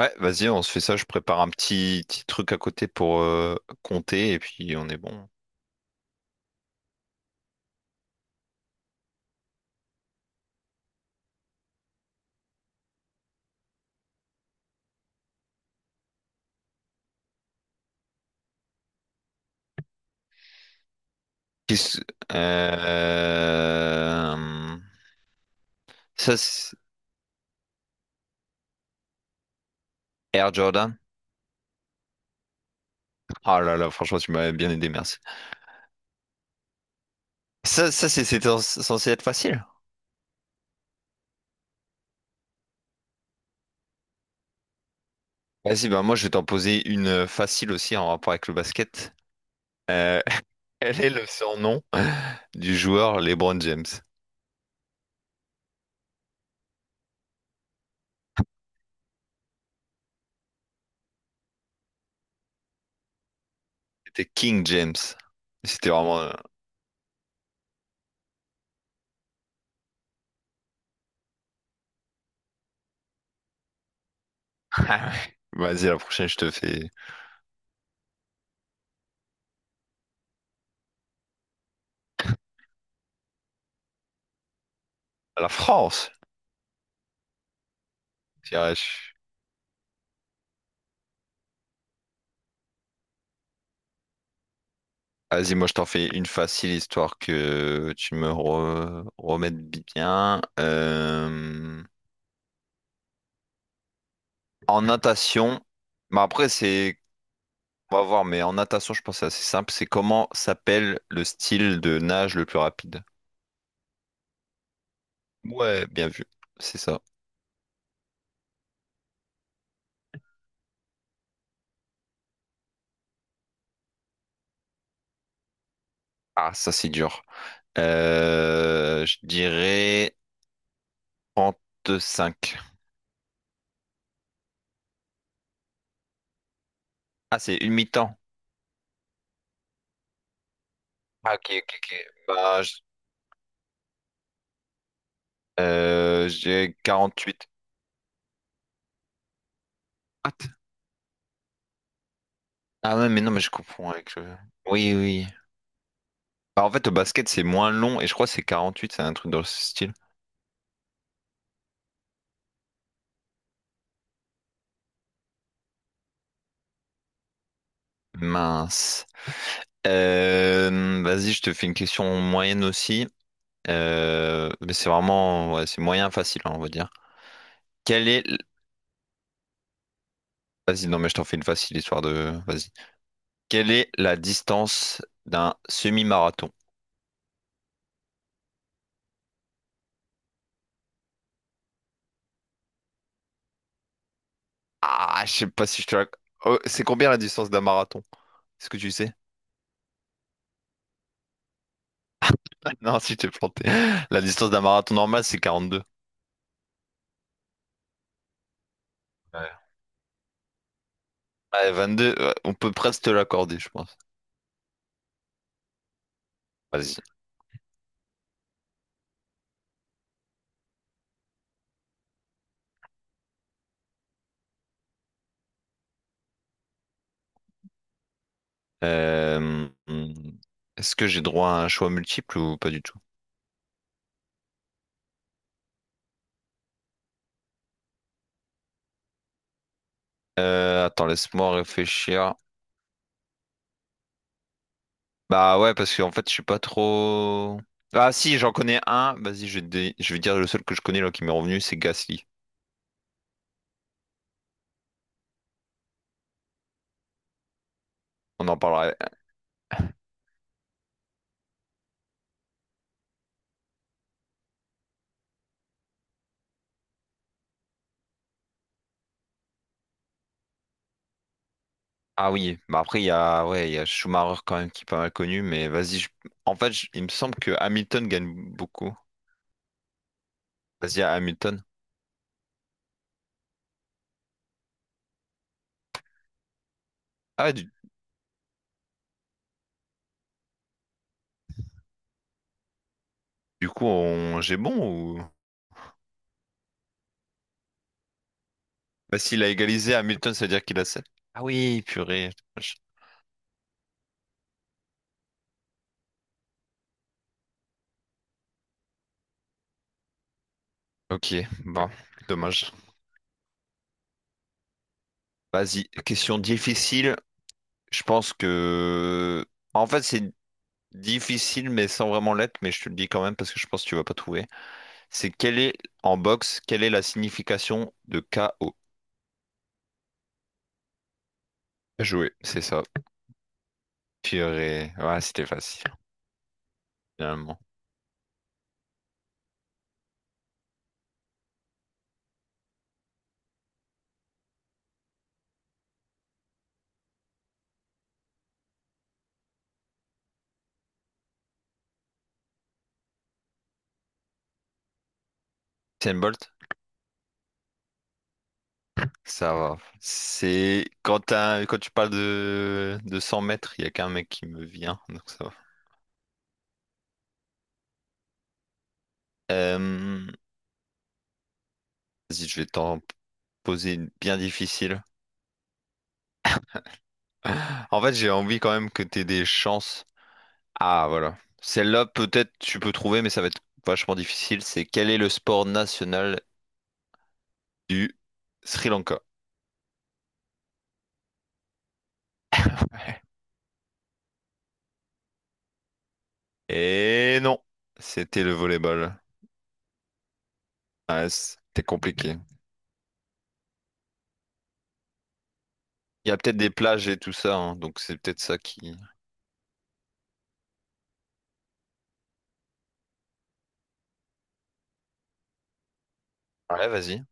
Ouais, vas-y, on se fait ça. Je prépare un petit truc à côté pour compter et puis on est bon. Qu'est-ce- euh, Ça, c'est- Air Jordan. Ah là là, franchement, tu m'as bien aidé, merci. Ça, c'était censé être facile. Vas-y, bah moi, je vais t'en poser une facile aussi en rapport avec le basket. Euh, quel est le surnom du joueur LeBron James? C'était King James. C'était vraiment. euh, Vas-y, la prochaine, je te fais la France. Je dirais, Vas-y, moi je t'en fais une facile histoire que tu me remettes bien. En natation, mais après c'est, on va voir, mais en natation je pense que c'est assez simple. C'est comment s'appelle le style de nage le plus rapide? Ouais, bien vu, c'est ça. Ah, ça c'est dur. Je dirais 35. Ah, c'est une mi-temps. Ah, ok, ok, ok. Bah, je, j'ai 48. Ah ouais, mais non, mais je comprends avec le... Oui, oui. Bah, en fait, au basket, c'est moins long et je crois que c'est huit, c'est un truc dans ce style. Mince. Vas-y, je te fais une question moyenne aussi. Mais c'est vraiment... ouais, c'est moyen facile, hein, on va dire. Quelle est... l- Vas-y, non, mais je t'en fais une facile histoire de... Vas-y. Quelle est la distance d'un semi-marathon? Ah, je sais pas si je te la... Oh, c'est combien la distance d'un marathon? Est-ce que tu sais? Non, si je t'ai planté. La distance d'un marathon normal, c'est quarante-deux. Ouais, 22, ouais, on peut presque te l'accorder, je pense. Vas-y. Euh, hmm, est-ce que j'ai droit à un choix multiple ou pas du tout? Attends, laisse-moi réfléchir. Bah ouais, parce qu'en fait, je suis pas trop... Ah si, j'en connais un. Vas-y, je vais, je vais dire le seul que je connais là qui m'est revenu, c'est Gasly. On en parlera. Ah oui, bah après, il y a, ouais, il y a Schumacher quand même qui est pas mal connu, mais vas-y. Il me semble que Hamilton gagne beaucoup. Vas-y, à Hamilton. Ah, du coup, on... j'ai bon ou... Bah, s'il a égalisé Hamilton, ça veut dire qu'il a 7. Ah oui, purée. Dommage. Ok, bon, dommage. Vas-y, question difficile. Je pense que... En fait, c'est difficile, mais sans vraiment l'être, mais je te le dis quand même parce que je pense que tu vas pas trouver. C'est quelle est, en boxe, quelle est la signification de KO? Jouer, c'est ça. Purée. Ouais, c'était facile, finalement. Usain Bolt? Ça va. C'est quand tu parles de 100 mètres, il y a qu'un mec qui me vient, donc ça va. Euh, Vas-y, je vais t'en poser une bien difficile. En fait, j'ai envie quand même que t'aies des chances. Ah, voilà. Celle-là, peut-être tu peux trouver, mais ça va être vachement difficile. C'est quel est le sport national du Sri Lanka? Et non, c'était le volleyball. Ah, c'était compliqué. Il y a peut-être des plages et tout ça, hein, donc c'est peut-être ça qui... Ouais, vas-y.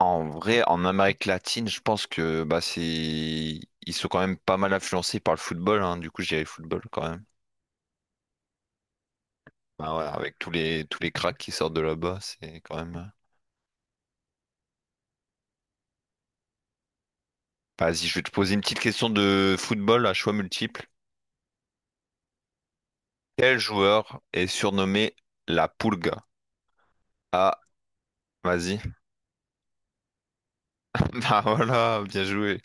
En vrai, en Amérique latine, je pense que bah, c'est... ils sont quand même pas mal influencés par le football, hein. Du coup, je dirais football quand même. Bah ouais, avec tous les cracks qui sortent de là-bas, c'est quand même. Vas-y, je vais te poser une petite question de football à choix multiple. Quel joueur est surnommé la Pulga? Ah, vas-y. Bah voilà, bien joué.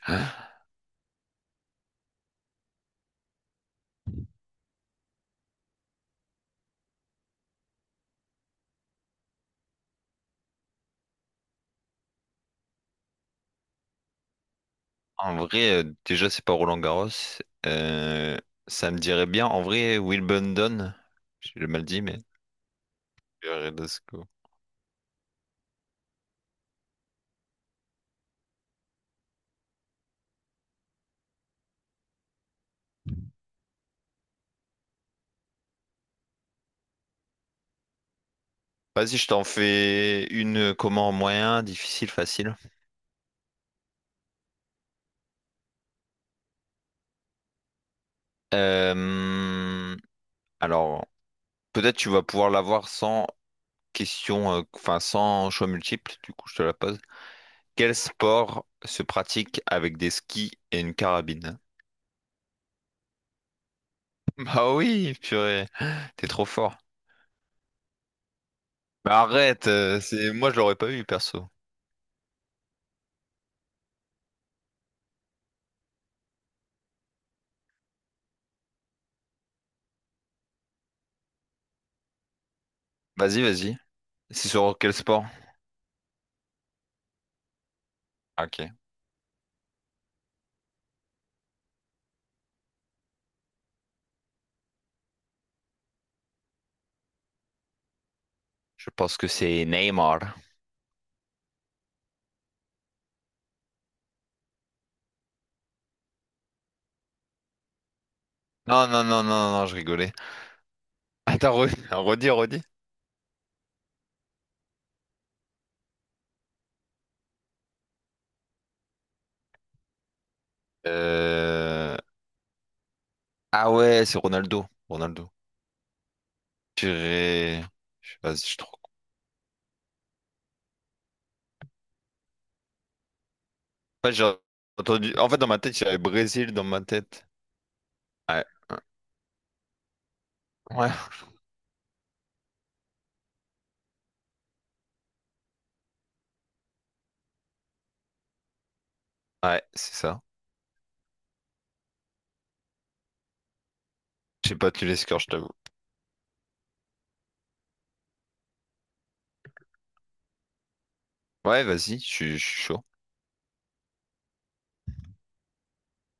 En vrai, déjà c'est pas Roland Garros. Euh, ça me dirait bien. En vrai, Will Bundon. J'ai mal dit, mais. Verdasco. Vas-y, je t'en fais une. Comment moyen, difficile, facile. Euh, Alors, peut-être tu vas pouvoir l'avoir sans. Enfin sans choix multiple, du coup je te la pose. Quel sport se pratique avec des skis et une carabine? Bah oui, purée, t'es trop fort. Mais arrête, c'est moi je l'aurais pas eu perso. Vas-y, vas-y. C'est sur quel sport? Ah, ok, je pense que c'est Neymar. Non, non, non, non, non, je rigolais. Attends, redis, redis. Euh... Ah ouais, c'est Ronaldo. Ronaldo. Purée. Vas-y, je suis trop. En fait, j'ai entendu. En fait, dans ma tête, il y avait Brésil dans ma tête. Ouais, ouais, ouais, c'est ça. J'ai pas tué les scores, je t'avoue. Ouais, vas-y, je suis chaud.